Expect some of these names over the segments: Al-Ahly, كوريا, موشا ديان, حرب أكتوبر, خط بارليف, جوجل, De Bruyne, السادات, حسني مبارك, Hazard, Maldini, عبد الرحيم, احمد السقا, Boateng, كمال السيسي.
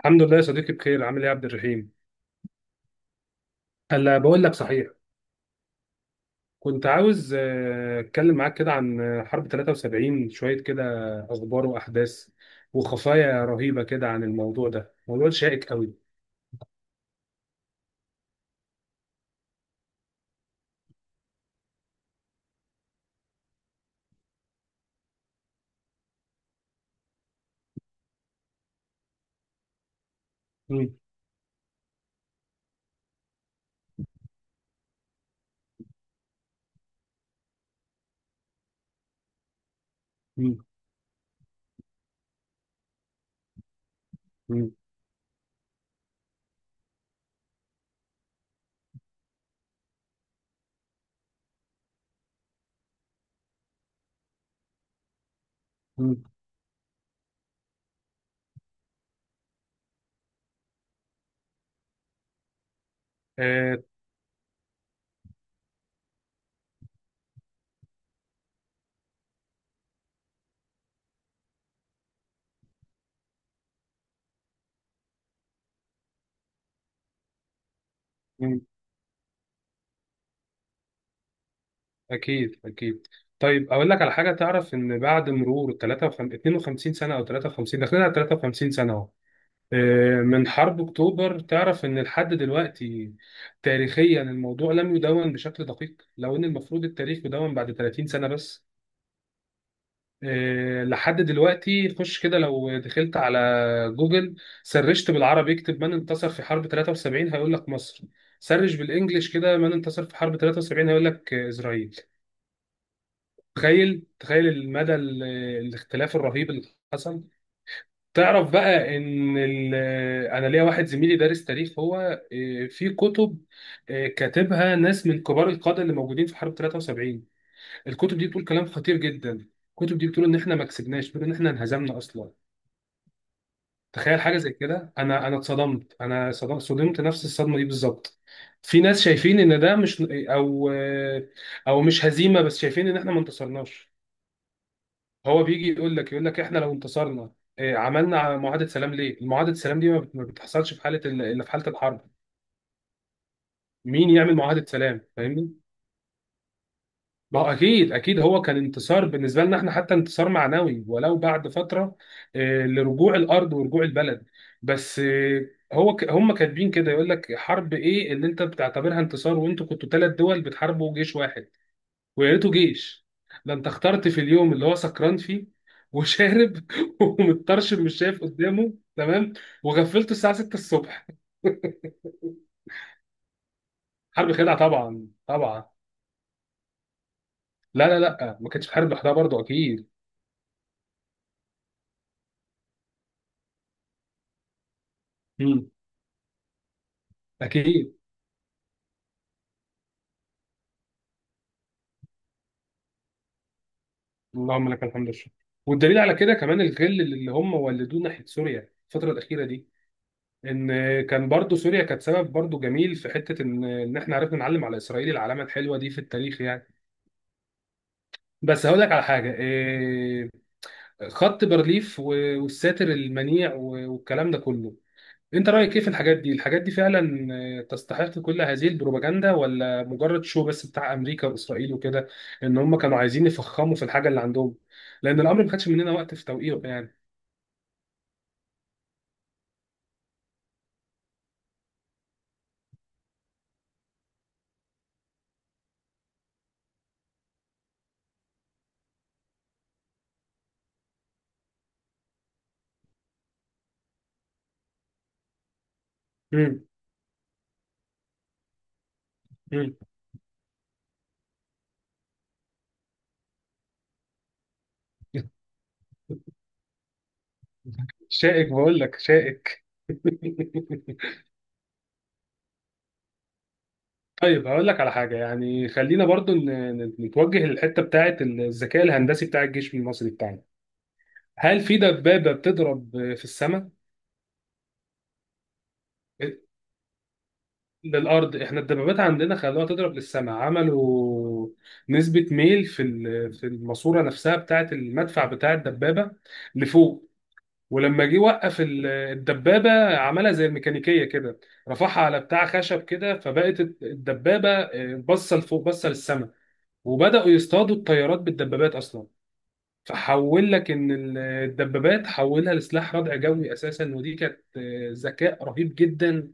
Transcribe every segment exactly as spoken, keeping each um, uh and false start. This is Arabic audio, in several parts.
الحمد لله يا صديقي بخير، عامل ايه يا عبد الرحيم؟ هلا، بقول لك صحيح، كنت عاوز آه، اتكلم معاك كده عن آه، حرب تلاته وسبعين شويه كده، اخبار واحداث وخفايا رهيبه كده عن الموضوع ده، موضوع شائك قوي. مم. مم. مم. مم. آه. مم. اكيد اكيد. طيب، اقول لك على حاجه، تعرف ان بعد مرور ثلاثه وخمسين اتنين وخمسين سنه او تلاته وخمسين داخلين على ثلاثه وخمسين سنه اهو، من حرب أكتوبر؟ تعرف إن لحد دلوقتي تاريخيا الموضوع لم يدون بشكل دقيق، لو إن المفروض التاريخ يدون بعد تلاتين سنة بس. آه، لحد دلوقتي خش كده لو دخلت على جوجل، سرشت بالعربي اكتب من انتصر في حرب تلاته وسبعين هيقول لك مصر، سرش بالانجلش كده من انتصر في حرب تلاته وسبعين هيقول لك آه، إسرائيل. تخيل تخيل المدى ال- الاختلاف الرهيب اللي حصل. تعرف بقى ان ال- انا ليا واحد زميلي دارس تاريخ هو، آه، في كتب آه، كاتبها ناس من كبار القاده اللي موجودين في حرب ثلاثه وسبعين. الكتب دي بتقول كلام خطير جدا، الكتب دي بتقول ان احنا ما كسبناش، بتقول ان احنا انهزمنا اصلا. تخيل حاجه زي كده، انا انا اتصدمت، انا صدمت صدمت نفس الصدمه دي بالظبط. في ناس شايفين ان ده مش او آه، او مش هزيمه، بس شايفين ان احنا ما انتصرناش. هو بيجي يقول لك يقول لك احنا لو انتصرنا إيه، عملنا معاهده سلام ليه؟ المعاهده سلام دي ما بت- ما بتحصلش في حاله ال- الا في حاله الحرب. مين يعمل معاهده سلام؟ فاهمني؟ ما هو اكيد اكيد، هو كان انتصار بالنسبه لنا احنا، حتى انتصار معنوي ولو بعد فتره، إيه، لرجوع الارض ورجوع البلد. بس إيه، هو ك- هم كاتبين كده، يقول لك حرب ايه اللي انت بتعتبرها انتصار وانتوا كنتوا ثلاث دول بتحاربوا جيش واحد؟ ويا ريته جيش، ده انت اخترت في اليوم اللي هو سكران فيه وشارب ومتطرشم، مش شايف قدامه تمام، وغفلته الساعه ستة الصبح. حرب خدعه طبعا طبعا. لا لا لا، ما كانتش بحارب لوحدها برضه اكيد. مم. اكيد. اللهم لك الحمد والشكر. والدليل على كده كمان الغل اللي هم ولدوه ناحيه سوريا الفتره الاخيره دي، ان كان برضه سوريا كانت سبب برضه جميل في حته ان ان احنا عرفنا نعلم على اسرائيل العلامه الحلوه دي في التاريخ يعني. بس هقول لك على حاجه، آه، خط بارليف و- والساتر المنيع و- والكلام ده كله، انت رايك ايه في الحاجات دي؟ الحاجات دي فعلا آه، تستحق كل هذه البروباجندا ولا مجرد شو بس بتاع امريكا واسرائيل وكده؟ ان هم كانوا عايزين يفخموا في الحاجه اللي عندهم، لان الامر ما خدش مننا وقت في توقيعه يعني. مم. مم. شائك بقول لك شائك. طيب، هقول لك على حاجه يعني، خلينا برضو ن- ن- نتوجه للحته بتاعه الذكاء الهندسي بتاع الجيش المصري بتاعنا، هل في دبابه بتضرب في السماء؟ للأرض، احنا الدبابات عندنا خلوها تضرب للسماء، عملوا نسبة ميل في ال- في الماسورة نفسها بتاعة المدفع بتاع الدبابة لفوق، ولما جه وقف ال- الدبابة عملها زي الميكانيكية كده، رفعها على بتاع خشب كده، فبقت الدبابة آه، باصة لفوق، باصة للسماء، وبدأوا يصطادوا الطيارات بالدبابات أصلا. فحول لك ان ال- الدبابات حولها لسلاح ردع جوي اساسا، ودي كانت آه، ذكاء رهيب جدا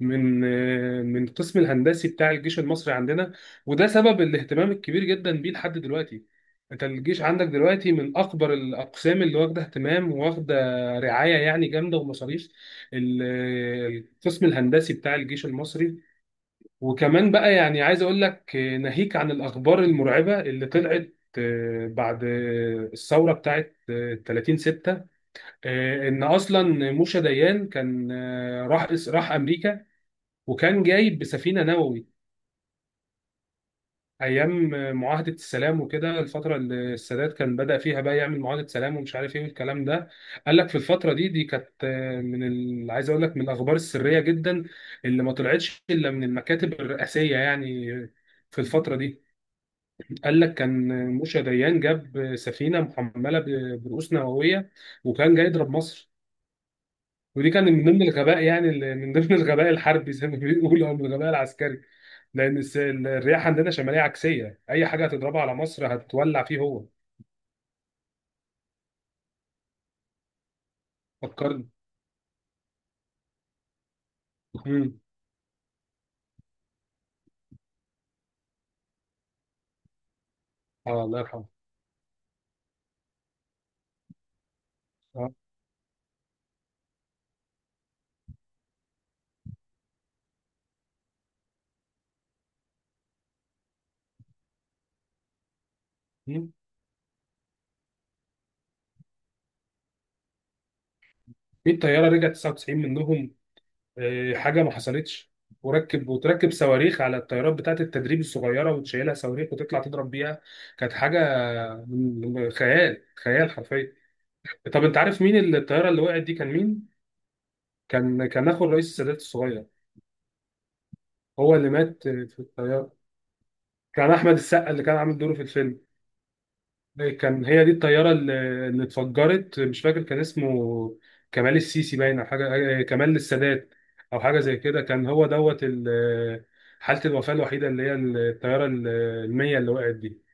من آه، من القسم الهندسي بتاع الجيش المصري عندنا، وده سبب الاهتمام الكبير جدا بيه لحد دلوقتي. انت الجيش عندك دلوقتي من اكبر الاقسام اللي واخده اهتمام، واخده رعايه يعني جامده ومصاريف، ال- آه، القسم الهندسي بتاع الجيش المصري. وكمان بقى يعني عايز اقول لك آه، ناهيك عن الاخبار المرعبه اللي طلعت آه، بعد آه، الثوره بتاعت آه، ثلاثين ستة، آه، ان اصلا موشا ديان كان آه، راح راح امريكا، وكان جاي بسفينه نووي ايام آه، معاهده السلام وكده، الفتره اللي السادات كان بدأ فيها بقى يعمل معاهده سلام ومش عارف ايه والكلام ده. قال لك في الفتره دي دي كانت آه، من ال... عايز اقول لك من الاخبار السريه جدا اللي ما طلعتش الا من المكاتب الرئاسيه يعني في الفتره دي. قال لك كان موشى ديان جاب سفينه محمله ب- برؤوس نوويه وكان جاي يضرب مصر، ودي كان من ضمن الغباء يعني ال- من ضمن الغباء الحربي زي ما بيقولوا، او من الغباء العسكري، لان الس- الرياح عندنا شماليه عكسيه، اي حاجه هتضربها على مصر هتولع فيه هو. فكرني. امم. اه الله يرحمه. اه. مم. في الطياره رجعت تسعة وتسعين منهم، آه، حاجه ما حصلتش، وركب وتركب صواريخ على الطيارات بتاعت التدريب الصغيره، وتشيلها صواريخ وتطلع تضرب بيها، كانت حاجه خيال، خيال حرفيا. طب انت عارف مين اللي- الطياره اللي وقعت دي كان مين؟ كان كان اخو الرئيس السادات الصغير، هو اللي مات في الطياره، كان احمد السقا اللي كان عامل دوره في الفيلم، كان هي دي الطياره اللي, اللي اتفجرت، مش فاكر كان اسمه، كمال السيسي باين، او حاجه، كمال السادات، او حاجه زي كده، كان هو دوت ال- حاله الوفاه الوحيده، اللي هي الطياره ال- المية اللي وقعت دي.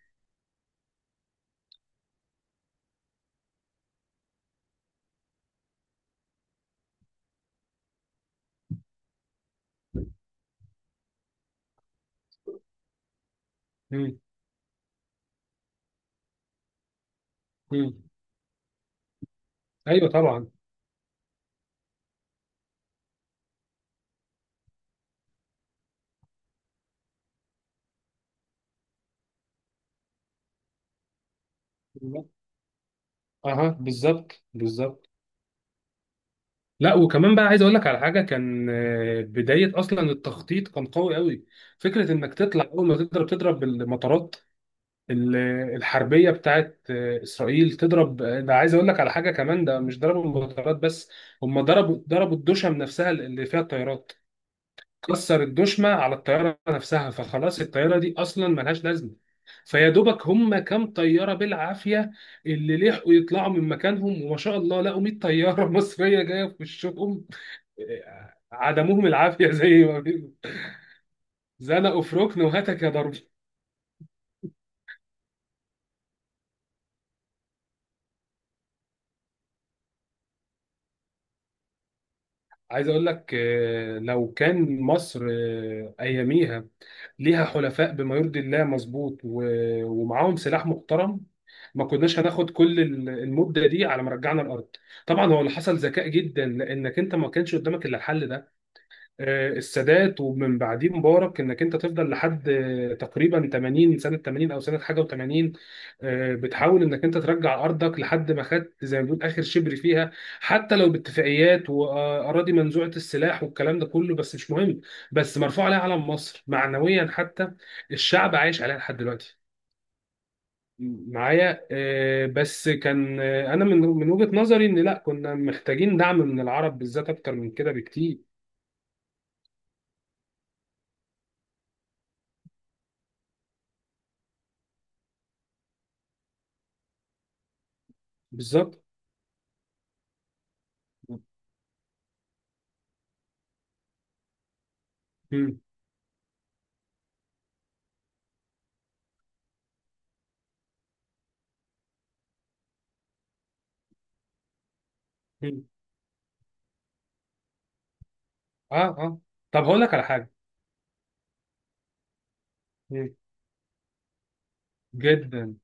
مم. مم. ايوه طبعا. اها، بالظبط بالظبط. لا وكمان بقى عايز اقول لك على حاجه، كان آه، بدايه اصلا التخطيط كان قوي قوي، فكره انك تطلع اول ما تضرب تضرب المطارات، ال- الحربيه بتاعت آه، اسرائيل، تضرب آه، ده عايز اقول لك على حاجه كمان، ده مش ضربوا المطارات بس، هم ضربوا ضربوا الدشم نفسها اللي فيها الطيارات، كسر الدشمه على الطياره نفسها فخلاص الطياره دي اصلا ملهاش لازمه، فيا دوبك هم كام طياره بالعافيه اللي لحقوا يطلعوا من مكانهم، وما شاء الله لقوا مية طياره مصريه جايه في وشهم، عدموهم العافيه زي ما بيقولوا، زنقوا في ركن وهتك يا ضرب. عايز اقول لك آه، لو كان مصر آه، اياميها ليها حلفاء بما يرضي الله مظبوط و- ومعاهم سلاح محترم، ما كناش هناخد كل ال- المده دي على ما رجعنا الارض. طبعا هو اللي حصل ذكاء جدا لانك انت ما كانش قدامك الا الحل ده، آه، السادات ومن بعديه مبارك، انك انت تفضل لحد آه، تقريبا ثمانين سنه، تمانين او سنه حاجه و80، بتحاول انك انت ترجع ارضك لحد ما خدت زي ما بيقول اخر شبر فيها، حتى لو باتفاقيات واراضي منزوعه السلاح والكلام ده كله، بس مش مهم، بس مرفوع عليها علم مصر معنويا حتى، الشعب عايش عليها لحد دلوقتي. معايا آه، بس كان آه، انا من من وجهة نظري ان لا كنا محتاجين دعم من العرب بالذات اكتر من كده بكتير. بالظبط. مم. مم. اه اه. طب هقول لك على حاجه. مم. جدا.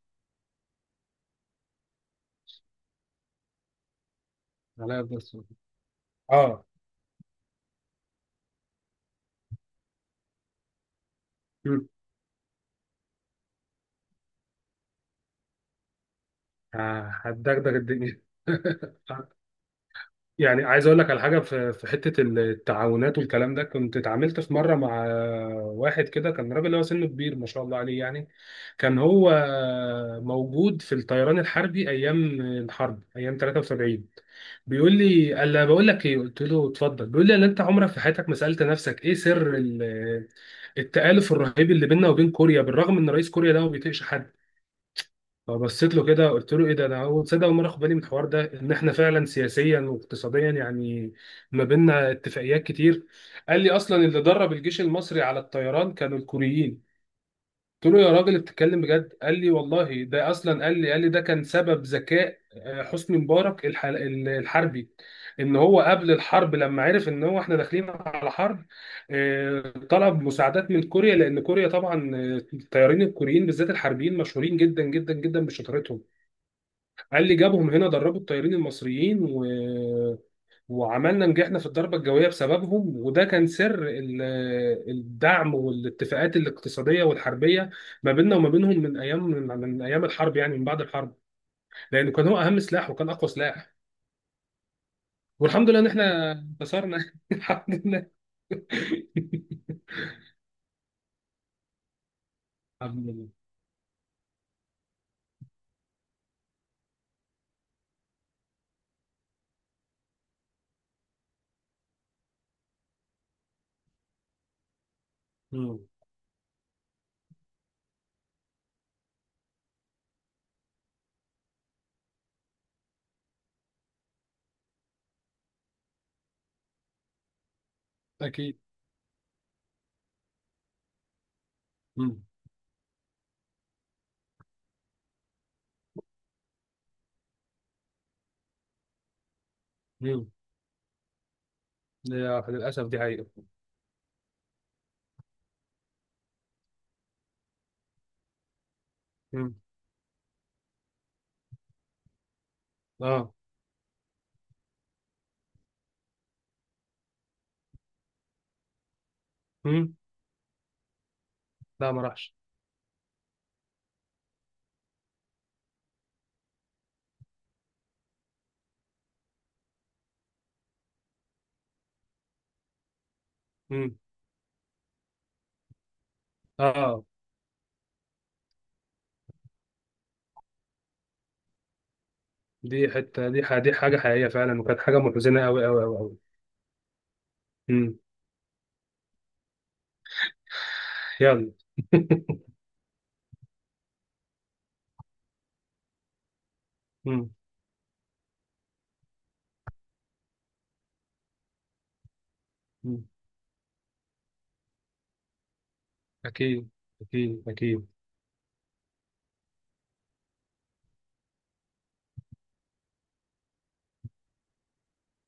عليا بس. اه. مم. آه، هتدغدغ الدنيا. يعني عايز اقول لك على حاجه، في في حته التعاونات والكلام ده، كنت اتعاملت في مره مع واحد كده، كان راجل هو سنه كبير ما شاء الله عليه يعني، كان هو موجود في الطيران الحربي ايام الحرب ايام ثلاثه وسبعين. بيقول لي قال لي: بقول لك ايه؟ قلت له: اتفضل. بيقول لي: انا انت عمرك في حياتك ما سالت نفسك ايه سر ال- التآلف الرهيب اللي بيننا وبين كوريا بالرغم ان رئيس كوريا ده ما بيطيقش حد؟ فبصيت له كده قلت له: ايه ده، انا اول تصدق اول مره اخد بالي من الحوار ده، ان احنا فعلا سياسيا واقتصاديا يعني ما بيننا اتفاقيات كتير. قال لي: اصلا اللي درب الجيش المصري على الطيران كانوا الكوريين. قلت له: يا راجل، بتتكلم بجد؟ قال لي: والله ده اصلا، قال لي قال لي ده كان سبب ذكاء آه، حسني مبارك الح- الحربي، ان هو قبل الحرب لما عرف ان هو احنا داخلين على حرب، آه، طلب مساعدات من كوريا، لان كوريا طبعا آه، الطيارين الكوريين بالذات الحربيين مشهورين جدا جدا جدا بشطارتهم، قال لي: جابهم هنا، دربوا الطيارين المصريين و... وعملنا نجحنا في الضربة الجوية بسببهم، وده كان سر ال- الدعم والاتفاقات الاقتصادية والحربية ما بيننا وما بينهم من أيام، من, من أيام الحرب، يعني من بعد الحرب، لأنه كان هو أهم سلاح وكان أقوى سلاح. والحمد لله إن إحنا انتصرنا، الحمد لله. الحمد لله. مم. أكيد. مم. مم. لا، للأسف دي حقيقة. مم. آه. مم. لا ما راحش. مم. اه، دي حته دي ح- دي حاجه حقيقيه فعلا، وكانت حاجه محزنه قوي قوي قوي قوي. امم. يلا. امم. أمم. اكيد. اكيد اكيد.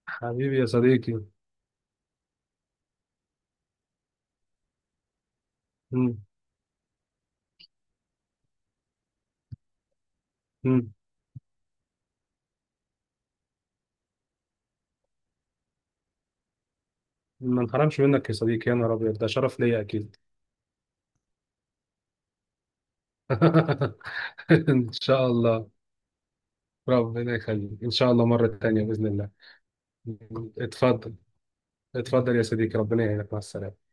حبيبي يا صديقي. امم. امم. ما انحرمش منك يا صديقي، يا نهار ابيض، ده شرف ليا اكيد. ان شاء الله. ربنا يخليك، ان شاء الله مره تانية باذن الله. اتفضل. اتفضل يا صديقي، ربنا يعينك، مع السلامه.